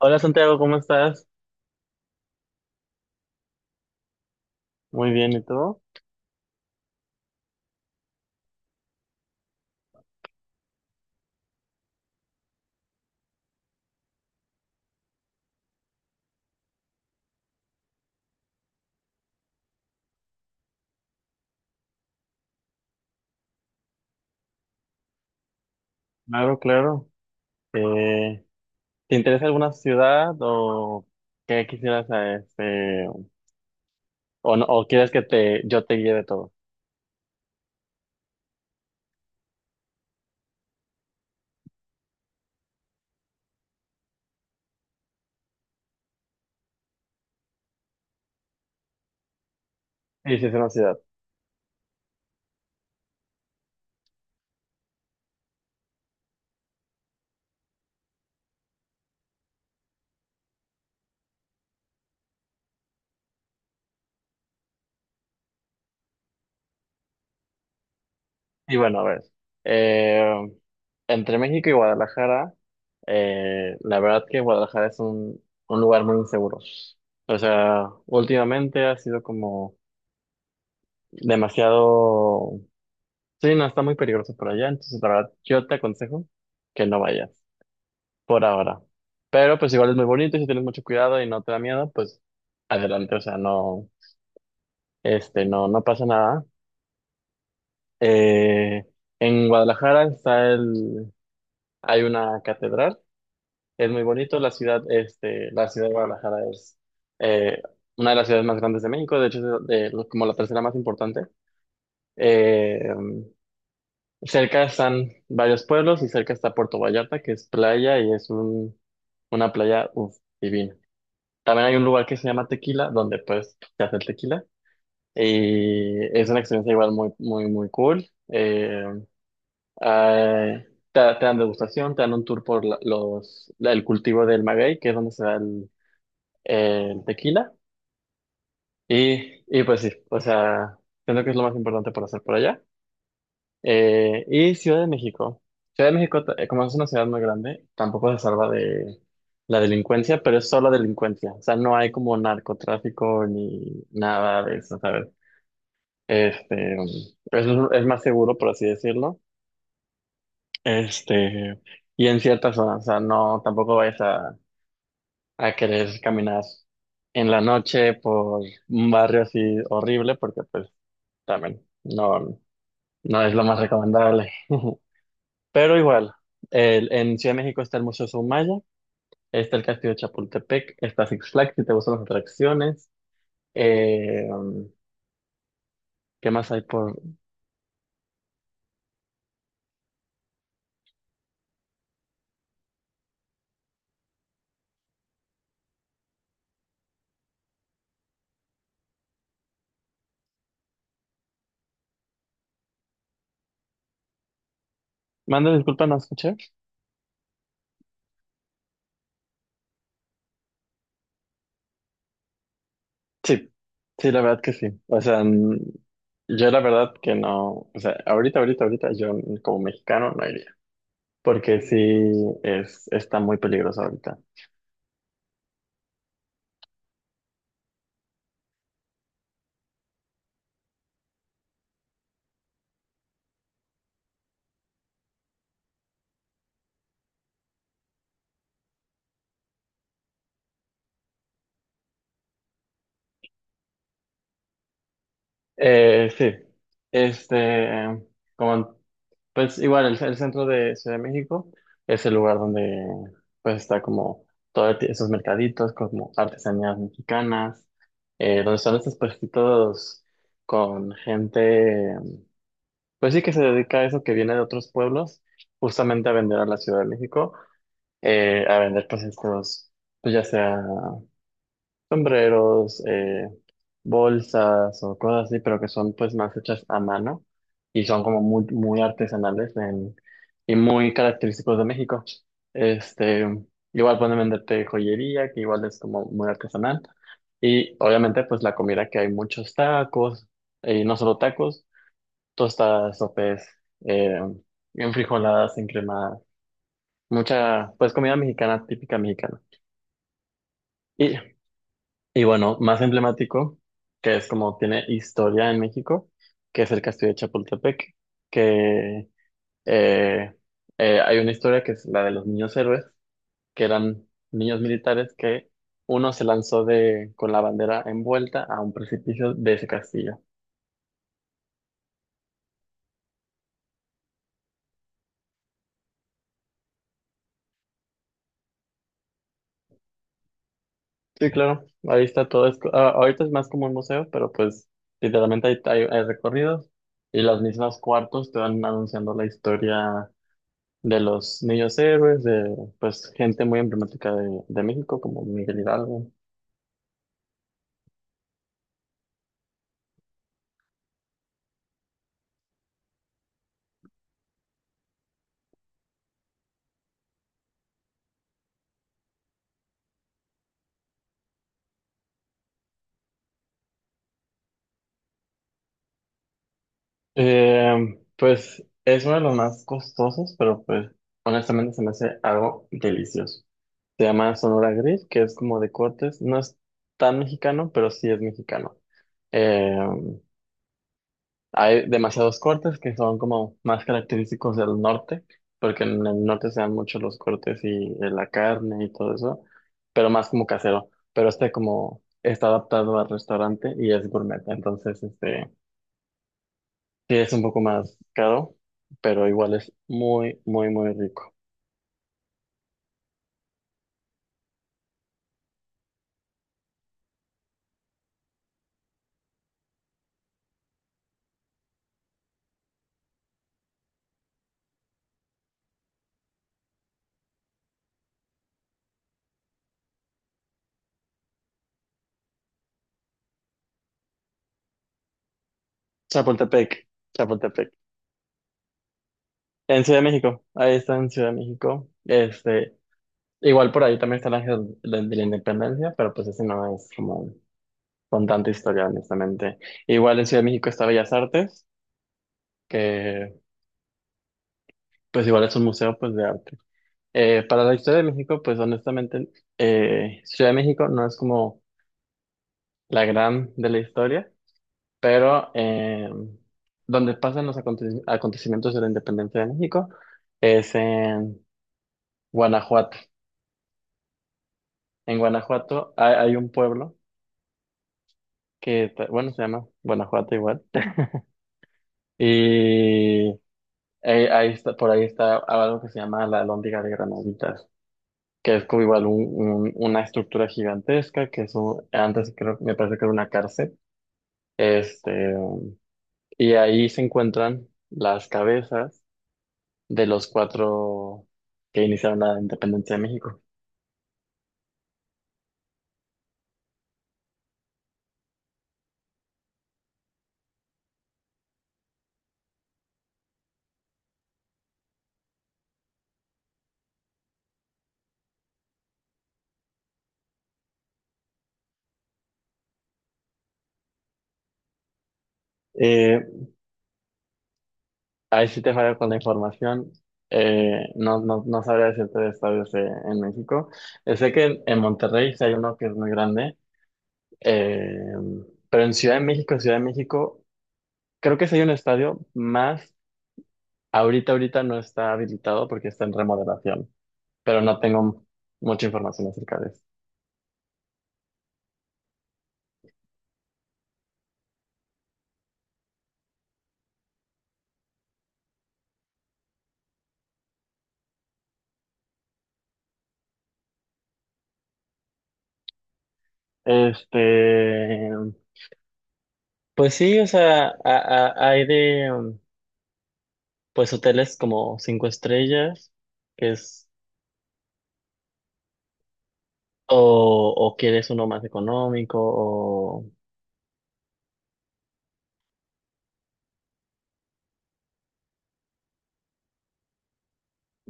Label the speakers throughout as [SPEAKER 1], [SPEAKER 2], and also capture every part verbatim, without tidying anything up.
[SPEAKER 1] Hola Santiago, ¿cómo estás? Muy bien, ¿y tú? Claro, claro. Eh, ¿Te interesa alguna ciudad o qué quisieras, eh, este, o, no- o quieres que te, yo te guíe de todo? Sí, sí, es una ciudad. Y bueno, a ver, eh, entre México y Guadalajara, eh, la verdad que Guadalajara es un, un lugar muy inseguro. O sea, últimamente ha sido como demasiado, sí, no, está muy peligroso por allá. Entonces la verdad, yo te aconsejo que no vayas por ahora. Pero pues igual es muy bonito, y si tienes mucho cuidado y no te da miedo, pues adelante. O sea, no, este, no, no pasa nada. Eh, en Guadalajara está el, hay una catedral, es muy bonito. La ciudad, este, la ciudad de Guadalajara es eh, una de las ciudades más grandes de México. De hecho es de- de- como la tercera más importante. Eh, Cerca están varios pueblos y cerca está Puerto Vallarta, que es playa y es un, una playa, uf, divina. También hay un lugar que se llama Tequila, donde pues se hace el tequila. Y es una experiencia igual muy, muy, muy cool. Eh, ah, te, te dan degustación, te dan un tour por la- los, la- el cultivo del maguey, que es donde se da el, el tequila. Y, y pues sí, o sea, siento que es lo más importante por hacer por allá. Eh, y Ciudad de México. Ciudad de México, ta- eh, como es una ciudad muy grande, tampoco se salva de la delincuencia, pero es solo delincuencia. O sea, no hay como narcotráfico ni nada de eso, ¿sabes? Este, es, es más seguro, por así decirlo. Este, y en ciertas zonas, o sea, no, tampoco vayas a, a querer caminar en la noche por un barrio así horrible, porque pues también no, no es lo más recomendable. Pero igual, el- en Ciudad de México está el Museo Soumaya, está el Castillo de Chapultepec, está Six Flags, si te gustan las atracciones. Eh, um, ¿Qué más hay por...? Manda disculpa, ¿no escuché? Sí, sí, la verdad que sí. O sea, n- yo la verdad que no... O sea, ahorita, ahorita, ahorita, yo como mexicano no iría. Porque sí, es, está muy peligroso ahorita. Eh, sí, este... Como pues igual, el, el centro de Ciudad de México es el lugar donde pues está como todos esos mercaditos, como artesanías mexicanas, eh, donde están estos puestitos con gente, pues sí que se dedica a eso, que viene de otros pueblos, justamente a vender a la Ciudad de México, eh, a vender pues estos, pues ya sea sombreros, eh, bolsas o cosas así, pero que son pues más hechas a mano y son como muy, muy artesanales en- y muy característicos de México. Este, Igual pueden venderte joyería, que igual es como muy artesanal. Y obviamente pues la comida, que hay muchos tacos, y no solo tacos, tostadas, sopes, eh, enfrijoladas, encremadas, mucha pues comida mexicana, típica mexicana. Y bueno, más emblemático, que es como tiene historia en México, que es el Castillo de Chapultepec, que eh, eh, hay una historia que es la de los niños héroes, que eran niños militares que uno se lanzó de, con la bandera envuelta a un precipicio de ese castillo. Sí, claro, ahí está todo esto. Ah, ahorita es más como un museo, pero pues literalmente hay, hay hay recorridos y los mismos cuartos te van anunciando la historia de los niños héroes, de pues gente muy emblemática de, de México, como Miguel Hidalgo. Eh, pues es uno de los más costosos, pero pues honestamente se me hace algo delicioso. Se llama Sonora Grill, que es como de cortes. No es tan mexicano, pero sí es mexicano. Eh, Hay demasiados cortes que son como más característicos del norte, porque en el norte se dan mucho los cortes y eh, la carne y todo eso, pero más como casero. Pero este, como está adaptado al restaurante y es gourmet, entonces este sí es un poco más caro, pero igual es muy, muy, muy rico. Chapultepec, Chapultepec. En Ciudad de México, ahí está en Ciudad de México. Este, igual por ahí también está el Ángel de de la Independencia, pero pues ese no es como con tanta historia, honestamente. Igual en Ciudad de México está Bellas Artes, que pues igual es un museo pues de arte. Eh, para la historia de México, pues honestamente, eh, Ciudad de México no es como la gran de la historia, pero eh, donde pasan los aconte- acontecimientos de la independencia de México es en Guanajuato. En Guanajuato hay, hay un pueblo que, está- bueno, se llama Guanajuato igual. Y Eh, ahí está, por ahí está algo que se llama la Alhóndiga de Granaditas, que es como igual un- un- una estructura gigantesca, que eso antes creo, me parece que era una cárcel. Este, y ahí se encuentran las cabezas de los cuatro que iniciaron la independencia de México. Eh, Ahí sí te falla con la información. Eh, no, no, no sabría decirte de estadios eh, en México. Eh, Sé que en, en Monterrey sí hay uno que es muy grande. eh, pero en Ciudad de México, Ciudad de México, creo que sí hay un estadio más. Ahorita, ahorita no está habilitado porque está en remodelación, pero no tengo mucha información acerca de eso. Este, pues sí, o sea, a- a- hay de, um, pues hoteles como cinco estrellas, que es, o, o quieres uno más económico, o,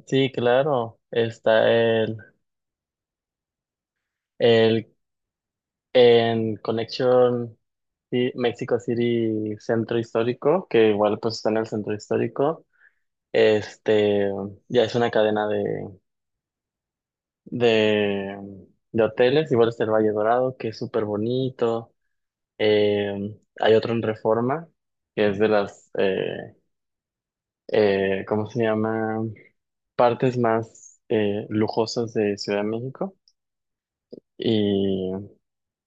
[SPEAKER 1] sí, claro, está el, el, en Connection, sí, Mexico City Centro Histórico, que igual pues está en el centro histórico. Este, ya es una cadena de, de, de hoteles. Igual está el Valle Dorado, que es súper bonito. Eh, hay otro en Reforma, que es de las, eh, eh, ¿cómo se llama? Partes más eh, lujosas de Ciudad de México. Y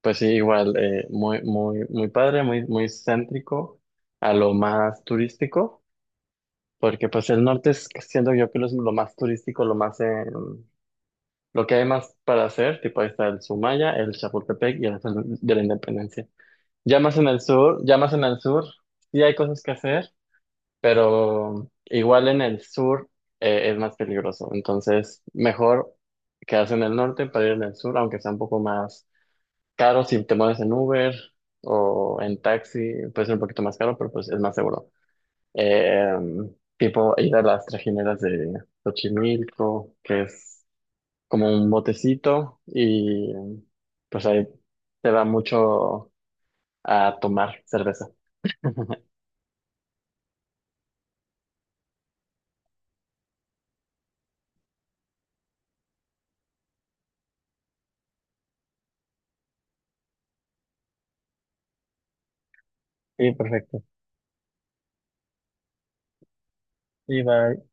[SPEAKER 1] pues sí, igual, eh, muy, muy, muy padre, muy, muy céntrico a lo más turístico, porque pues el norte es, siento yo que lo es lo más turístico, lo más... eh, lo que hay más para hacer, tipo ahí está el Sumaya, el Chapultepec y el Ángel de la Independencia. Ya más en el sur, ya más en el sur, sí hay cosas que hacer, pero igual en el sur eh, es más peligroso. Entonces, mejor quedarse en el norte para ir en el sur, aunque sea un poco más caro. Si te mueves en Uber o en taxi, puede ser un poquito más caro, pero pues es más seguro. Eh, Tipo ir a las trajineras de Xochimilco, que es como un botecito y pues ahí te va mucho a tomar cerveza. Sí, perfecto. Y bye.